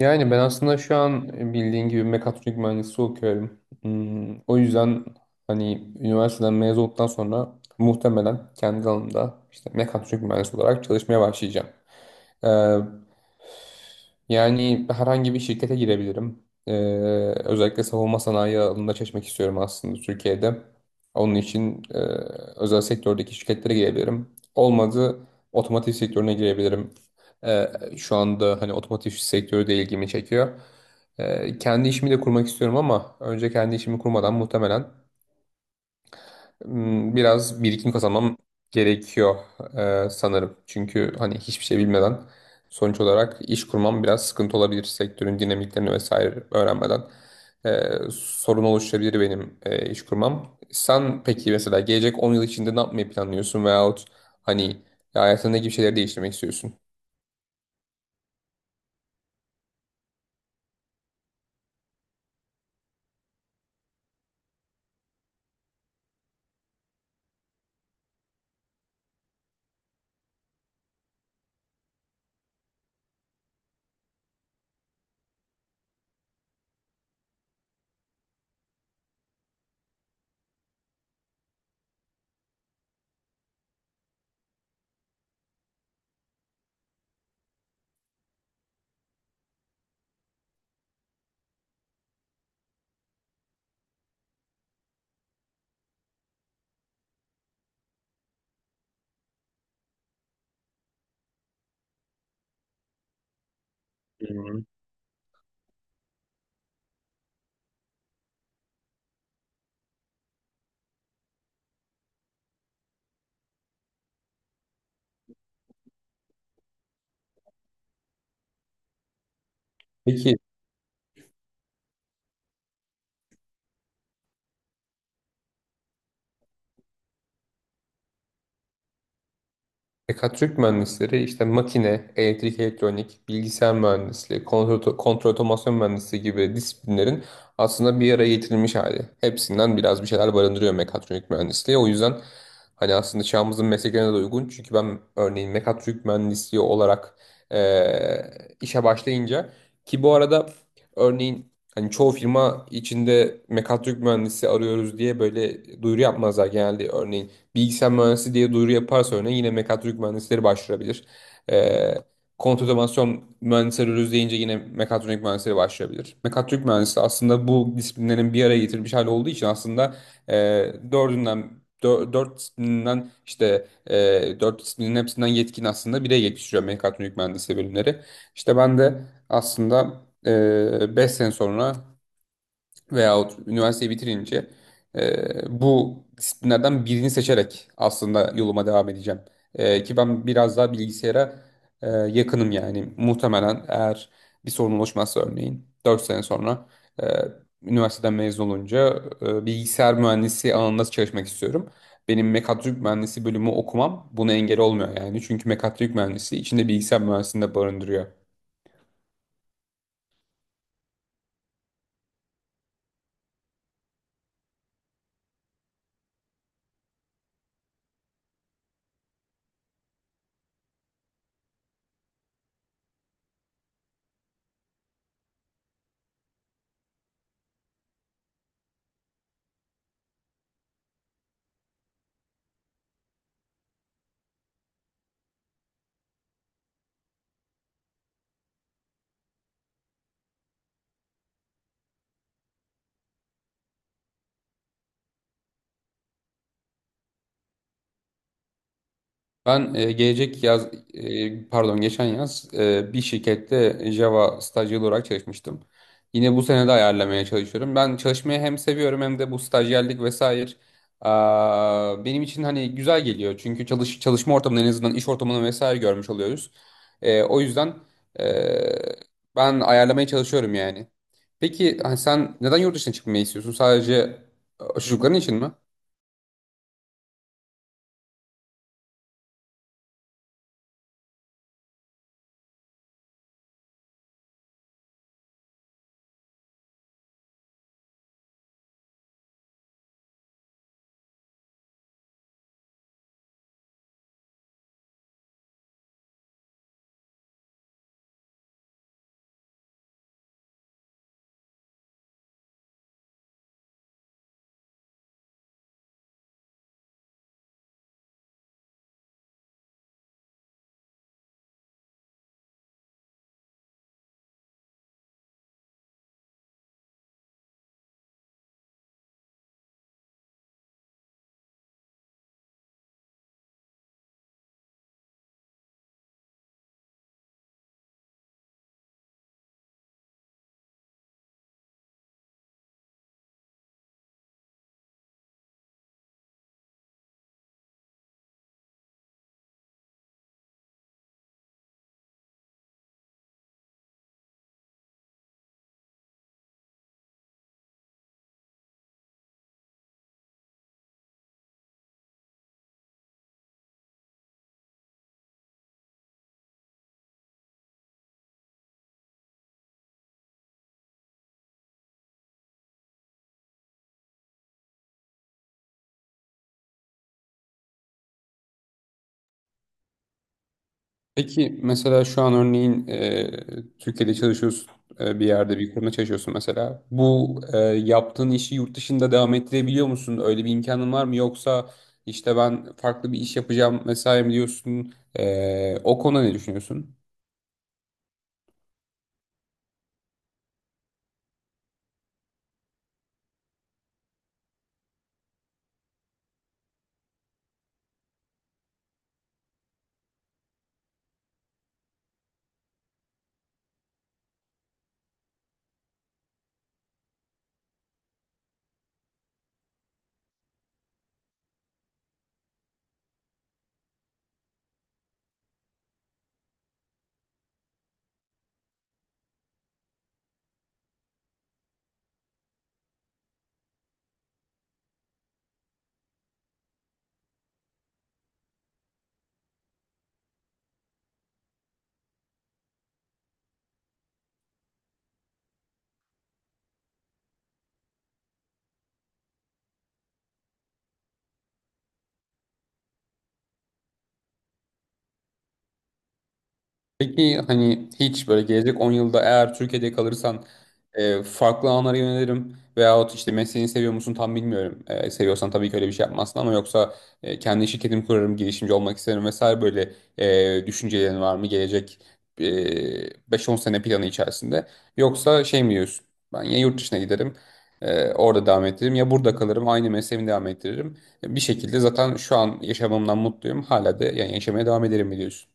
Yani ben aslında şu an bildiğin gibi mekatronik mühendisi okuyorum. O yüzden hani üniversiteden mezun olduktan sonra muhtemelen kendi alanımda işte mekatronik mühendisi olarak çalışmaya başlayacağım. Ee, yani herhangi bir şirkete girebilirim. Özellikle savunma sanayi alanında çalışmak istiyorum aslında Türkiye'de. Onun için özel sektördeki şirketlere girebilirim. Olmadı otomotiv sektörüne girebilirim. Ee, şu anda hani otomotiv sektörü de ilgimi çekiyor. Kendi işimi de kurmak istiyorum ama önce kendi işimi kurmadan muhtemelen biraz birikim kazanmam gerekiyor sanırım. Çünkü hani hiçbir şey bilmeden sonuç olarak iş kurmam biraz sıkıntı olabilir sektörün dinamiklerini vesaire öğrenmeden. Sorun oluşturabilir benim iş kurmam. Sen peki mesela gelecek 10 yıl içinde ne yapmayı planlıyorsun veyahut hani hayatında ne gibi şeyleri değiştirmek istiyorsun? Hı hı. Peki mekatronik mühendisleri işte makine, elektrik, elektronik, bilgisayar mühendisliği, kontrol, kontrol otomasyon mühendisliği gibi disiplinlerin aslında bir araya getirilmiş hali. Hepsinden biraz bir şeyler barındırıyor mekatronik mühendisliği. O yüzden hani aslında çağımızın mesleklerine de uygun. Çünkü ben örneğin mekatronik mühendisliği olarak eee, işe başlayınca ki bu arada örneğin hani çoğu firma içinde mekatronik mühendisi arıyoruz diye böyle duyuru yapmazlar genelde. Örneğin bilgisayar mühendisi diye duyuru yaparsa örneğin yine mekatronik mühendisleri başvurabilir. E, kontrol otomasyon mühendisleri arıyoruz deyince yine mekatronik mühendisleri başvurabilir. Mekatronik mühendisi aslında bu disiplinlerin bir araya getirmiş hali olduğu için aslında e, dördünden dört disiplinden işte dört disiplinin hepsinden yetkin aslında bireye yetiştiriyor mekatronik mühendisliği bölümleri. İşte ben de aslında 5 sene sonra veyahut üniversiteyi bitirince bu disiplinlerden birini seçerek aslında yoluma devam edeceğim. Ki ben biraz daha bilgisayara yakınım yani. Muhtemelen eğer bir sorun oluşmazsa örneğin 4 sene sonra e, üniversiteden mezun olunca bilgisayar mühendisi alanında çalışmak istiyorum. Benim mekatronik mühendisi bölümü okumam buna engel olmuyor yani. Çünkü mekatronik mühendisi içinde bilgisayar mühendisini de barındırıyor. Ben gelecek yaz, pardon geçen yaz bir şirkette Java stajyeri olarak çalışmıştım. Yine bu sene de ayarlamaya çalışıyorum. Ben çalışmayı hem seviyorum hem de bu stajyerlik vesaire benim için hani güzel geliyor. Çünkü çalışma ortamını en azından iş ortamını vesaire görmüş oluyoruz. O yüzden e, ben ayarlamaya çalışıyorum yani. Peki hani sen neden yurt dışına çıkmayı istiyorsun? Sadece çocukların için mi? Peki mesela şu an örneğin Türkiye'de çalışıyorsun bir yerde bir kurumda çalışıyorsun mesela. Bu yaptığın işi yurt dışında devam ettirebiliyor musun? Öyle bir imkanın var mı? Yoksa işte ben farklı bir iş yapacağım vesaire mi diyorsun? O konuda ne düşünüyorsun? Peki hani hiç böyle gelecek 10 yılda eğer Türkiye'de kalırsan farklı alanlara yönelirim veyahut işte mesleğini seviyor musun tam bilmiyorum. Seviyorsan tabii ki öyle bir şey yapmazsın ama yoksa kendi şirketimi kurarım, girişimci olmak isterim vesaire böyle düşüncelerin var mı gelecek e, 5-10 sene planı içerisinde? Yoksa şey mi diyorsun? Ben ya yurt dışına giderim, orada devam ettiririm ya burada kalırım, aynı mesleğimi devam ettiririm. Bir şekilde zaten şu an yaşamamdan mutluyum. Hala da yani yaşamaya devam ederim mi diyorsun?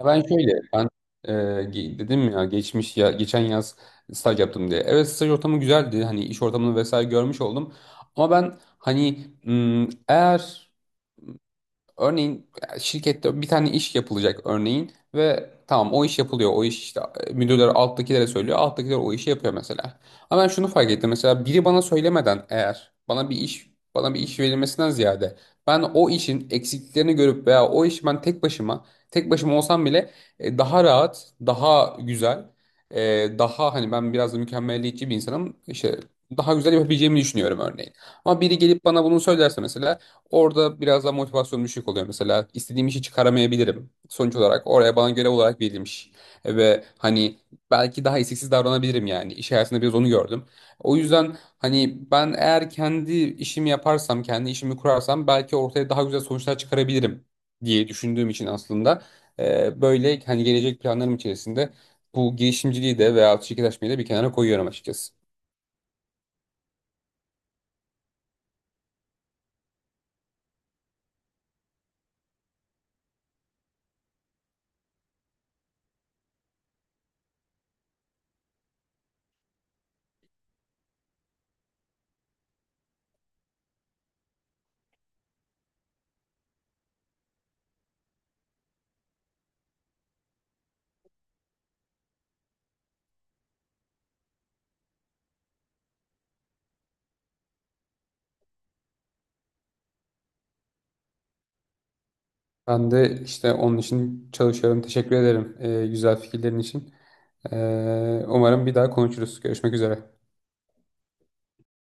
Ya ben şöyle, ben e, dedim ya geçmiş ya geçen yaz staj yaptım diye. Evet staj ortamı güzeldi. Hani iş ortamını vesaire görmüş oldum. Ama ben hani eğer örneğin şirkette bir tane iş yapılacak örneğin ve tamam o iş yapılıyor. O iş işte müdürler alttakilere söylüyor. Alttakiler o işi yapıyor mesela. Ama ben şunu fark ettim mesela biri bana söylemeden eğer bana bir iş verilmesinden ziyade ben o işin eksikliklerini görüp veya o işi ben tek başıma olsam bile daha rahat, daha güzel, daha hani ben biraz da mükemmeliyetçi bir insanım. İşte daha güzel yapabileceğimi düşünüyorum örneğin. Ama biri gelip bana bunu söylerse mesela orada biraz daha motivasyon düşük oluyor mesela. İstediğim işi çıkaramayabilirim. Sonuç olarak oraya bana görev olarak verilmiş. Ve hani belki daha isteksiz davranabilirim yani. İş hayatında biraz onu gördüm. O yüzden hani ben eğer kendi işimi yaparsam, kendi işimi kurarsam belki ortaya daha güzel sonuçlar çıkarabilirim diye düşündüğüm için aslında böyle hani gelecek planlarım içerisinde bu girişimciliği de veya şirketleşmeyi de bir kenara koyuyorum açıkçası. Ben de işte onun için çalışıyorum. Teşekkür ederim güzel fikirlerin için. Umarım bir daha konuşuruz. Görüşmek üzere.